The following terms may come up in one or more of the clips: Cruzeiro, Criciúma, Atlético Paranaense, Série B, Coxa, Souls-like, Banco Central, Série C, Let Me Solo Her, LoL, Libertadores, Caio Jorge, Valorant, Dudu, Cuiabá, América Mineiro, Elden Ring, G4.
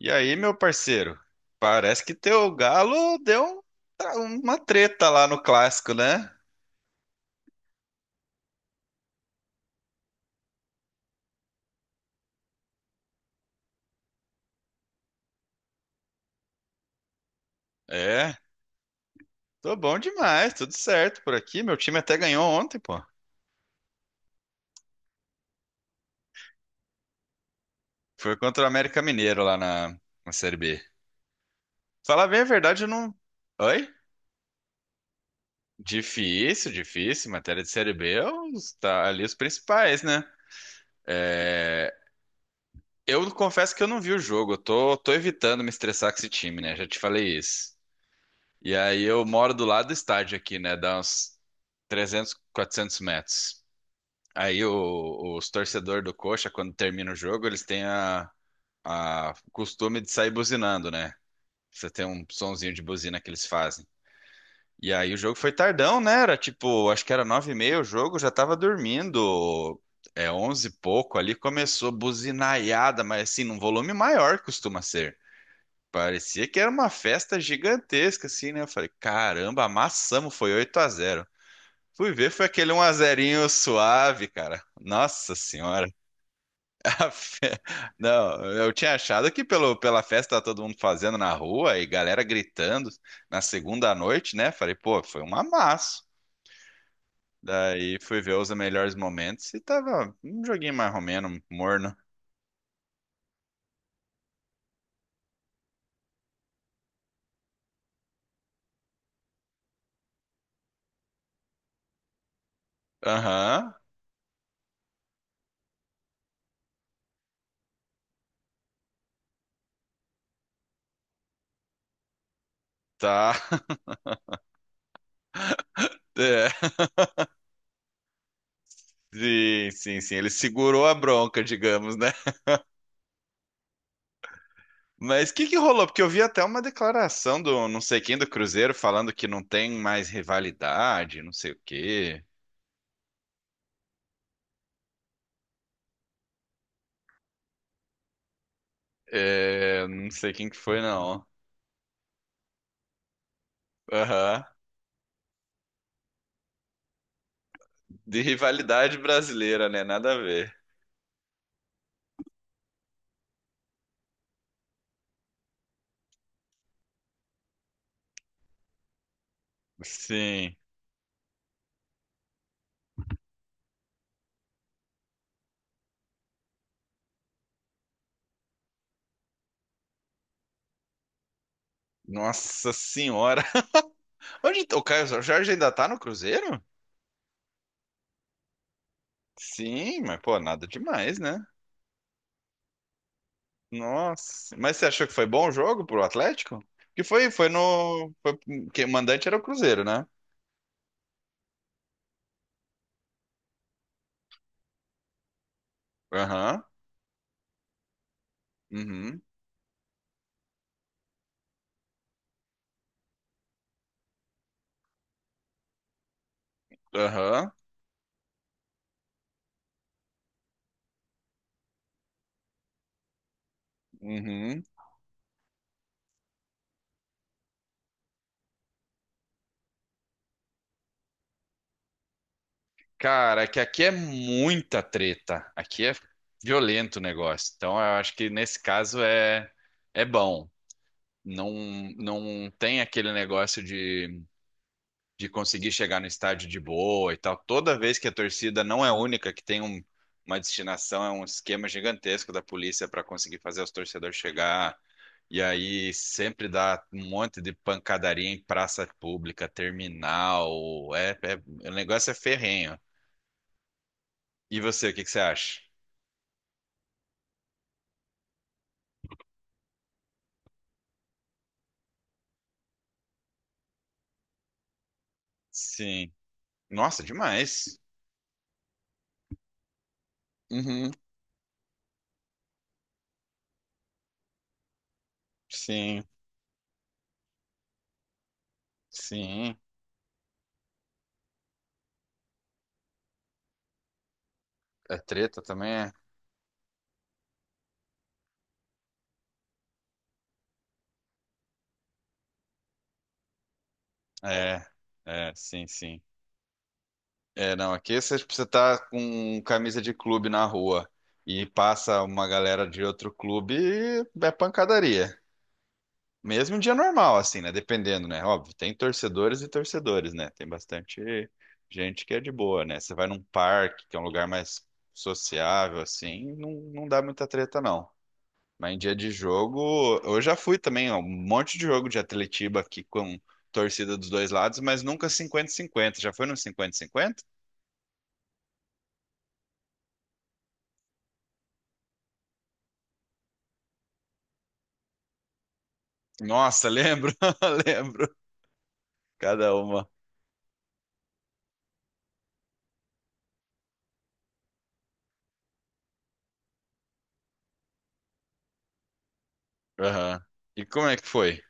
E aí, meu parceiro? Parece que teu galo deu uma treta lá no clássico, né? É, tô bom demais, tudo certo por aqui. Meu time até ganhou ontem, pô. Foi contra o América Mineiro lá na Série B. Falar bem a verdade, eu não. Oi? Difícil, difícil. Matéria de Série B, é tá ali os principais, né? É, eu confesso que eu não vi o jogo. Eu tô evitando me estressar com esse time, né? Já te falei isso. E aí eu moro do lado do estádio aqui, né? Dá uns 300, 400 metros. Aí os torcedores do Coxa, quando termina o jogo, eles têm a o costume de sair buzinando, né? Você tem um sonzinho de buzina que eles fazem. E aí o jogo foi tardão, né? Era tipo, acho que era nove e meia o jogo, já tava dormindo. É onze e pouco ali, começou buzinaiada, mas assim, num volume maior que costuma ser. Parecia que era uma festa gigantesca, assim, né? Eu falei, caramba, amassamos, foi 8-0. Fui ver, foi aquele um a 0 suave, cara. Nossa senhora. A fe- Não, eu tinha achado que pela festa tava todo mundo fazendo na rua e galera gritando na segunda noite, né? Falei, pô, foi um amasso. Daí fui ver os melhores momentos e tava um joguinho mais ou menos morno. Aham, tá. É. Sim, sim, sim. Ele segurou a bronca, digamos, né? Mas o que que rolou? Porque eu vi até uma declaração do não sei quem do Cruzeiro falando que não tem mais rivalidade, não sei o quê. É, não sei quem que foi, não. Aham. De rivalidade brasileira, né? Nada a ver. Sim. Nossa senhora. Onde o Caio Jorge ainda tá no Cruzeiro? Sim, mas pô, nada demais, né? Nossa, mas você achou que foi bom o jogo pro Atlético? Que foi, foi no, foi, que o mandante era o Cruzeiro, né? Aham, uhum, aham, uhum. Cara, é que aqui é muita treta, aqui é violento o negócio. Então eu acho que nesse caso é bom. Não não tem aquele negócio de conseguir chegar no estádio de boa e tal. Toda vez que a torcida não é única, que tem uma destinação, é um esquema gigantesco da polícia para conseguir fazer os torcedores chegar. E aí sempre dá um monte de pancadaria em praça pública, terminal. É, o negócio é ferrenho. E você, o que que você acha? Sim. Nossa, demais. Uhum. Sim, sim. É treta também? É, é, é, sim, sim. É, não, aqui você precisa estar com camisa de clube na rua e passa uma galera de outro clube, é pancadaria. Mesmo em dia normal, assim, né? Dependendo, né? Óbvio, tem torcedores e torcedores, né? Tem bastante gente que é de boa, né? Você vai num parque, que é um lugar mais sociável, assim, não, não dá muita treta, não. Mas em dia de jogo, eu já fui também, ó, um monte de jogo de Atletiba aqui com torcida dos dois lados, mas nunca 50-50. Já foi no 50-50. Nossa, lembro, lembro. Cada uma. Aham. E como é que foi?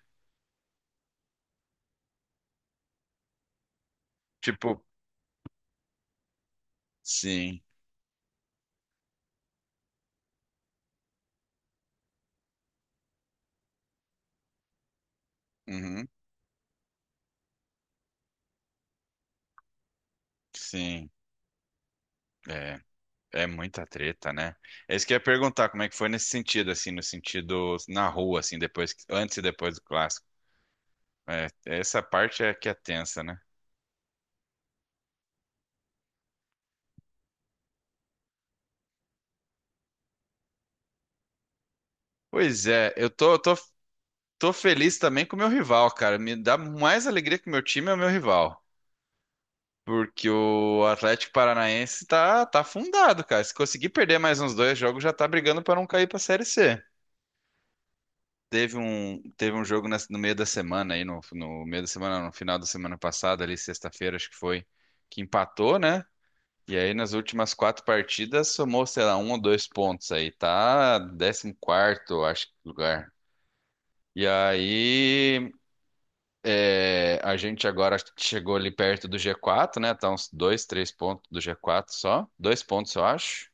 Tipo, sim. Uhum, sim. É, é muita treta, né? É isso que eu ia perguntar, como é que foi nesse sentido, assim, no sentido na rua, assim, depois, antes e depois do clássico. É, essa parte é que é tensa, né? Pois é, eu tô feliz também com o meu rival, cara. Me dá mais alegria que o meu time é o meu rival. Porque o Atlético Paranaense tá afundado, cara. Se conseguir perder mais uns dois jogos, já tá brigando pra não cair pra Série C. Teve um jogo no meio da semana aí, no meio da semana, não, no final da semana passada, ali, sexta-feira, acho que foi, que empatou, né? E aí, nas últimas quatro partidas, somou, sei lá, um ou dois pontos aí. Tá 14º acho, lugar. E aí, é, a gente agora chegou ali perto do G4, né? Tá uns dois, três pontos do G4 só. Dois pontos, eu acho.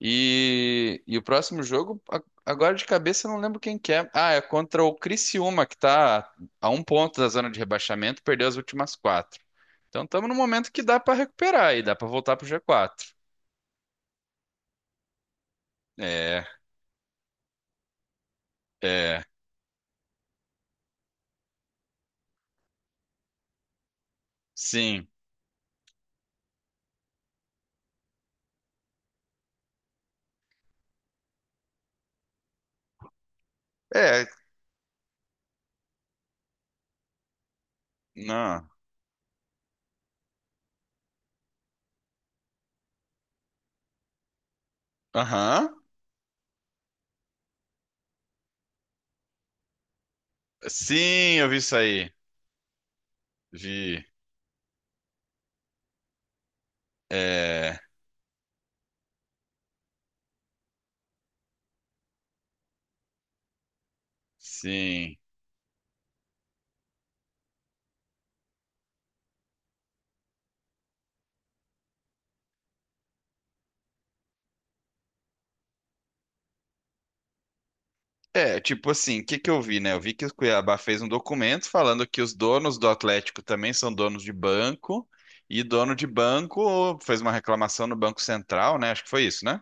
E o próximo jogo, agora de cabeça, eu não lembro quem que é. Ah, é contra o Criciúma, que tá a um ponto da zona de rebaixamento, perdeu as últimas quatro. Então estamos num momento que dá pra recuperar e dá pra voltar pro G4. É, é, sim. É, não. Aham. Sim, eu vi isso aí. Vi. É, sim. É, tipo assim, o que que eu vi, né? Eu vi que o Cuiabá fez um documento falando que os donos do Atlético também são donos de banco, e dono de banco fez uma reclamação no Banco Central, né? Acho que foi isso, né?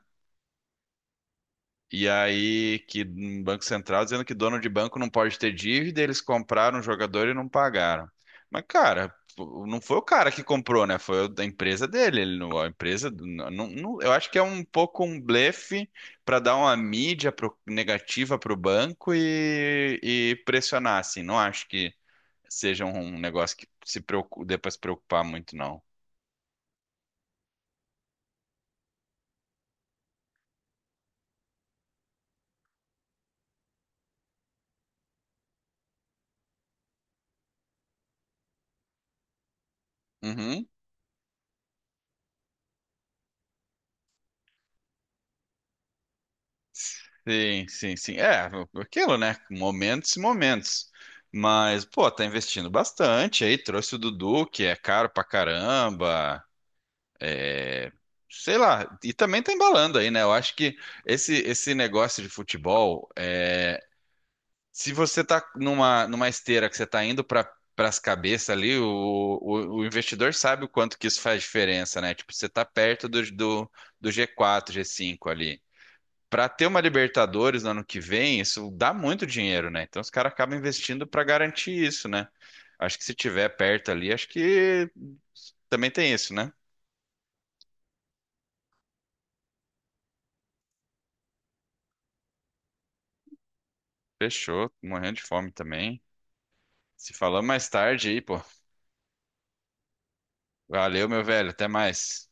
E aí, que um Banco Central dizendo que dono de banco não pode ter dívida, eles compraram o jogador e não pagaram. Mas, cara, pô, não foi o cara que comprou, né? Foi o da empresa dele. Ele não, a empresa, não, eu acho que é um pouco um blefe para dar uma mídia negativa para o banco e pressionar, assim. Não acho que seja um negócio que se dê para se preocupar muito, não. Uhum. Sim, sim, sim. É, aquilo, né? Momentos e momentos. Mas, pô, tá investindo bastante aí. Trouxe o Dudu, que é caro pra caramba. É, sei lá. E também tá embalando aí, né? Eu acho que esse negócio de futebol, é, se você tá numa esteira que você tá indo pras cabeças ali, o investidor sabe o quanto que isso faz diferença, né? Tipo, você tá perto do G4 G5 ali. Para ter uma Libertadores no ano que vem, isso dá muito dinheiro, né? Então os caras acabam investindo para garantir isso, né? Acho que se tiver perto ali, acho que também tem isso, né? Fechou, tô morrendo de fome também. Se falamos mais tarde aí, pô. Valeu, meu velho, até mais.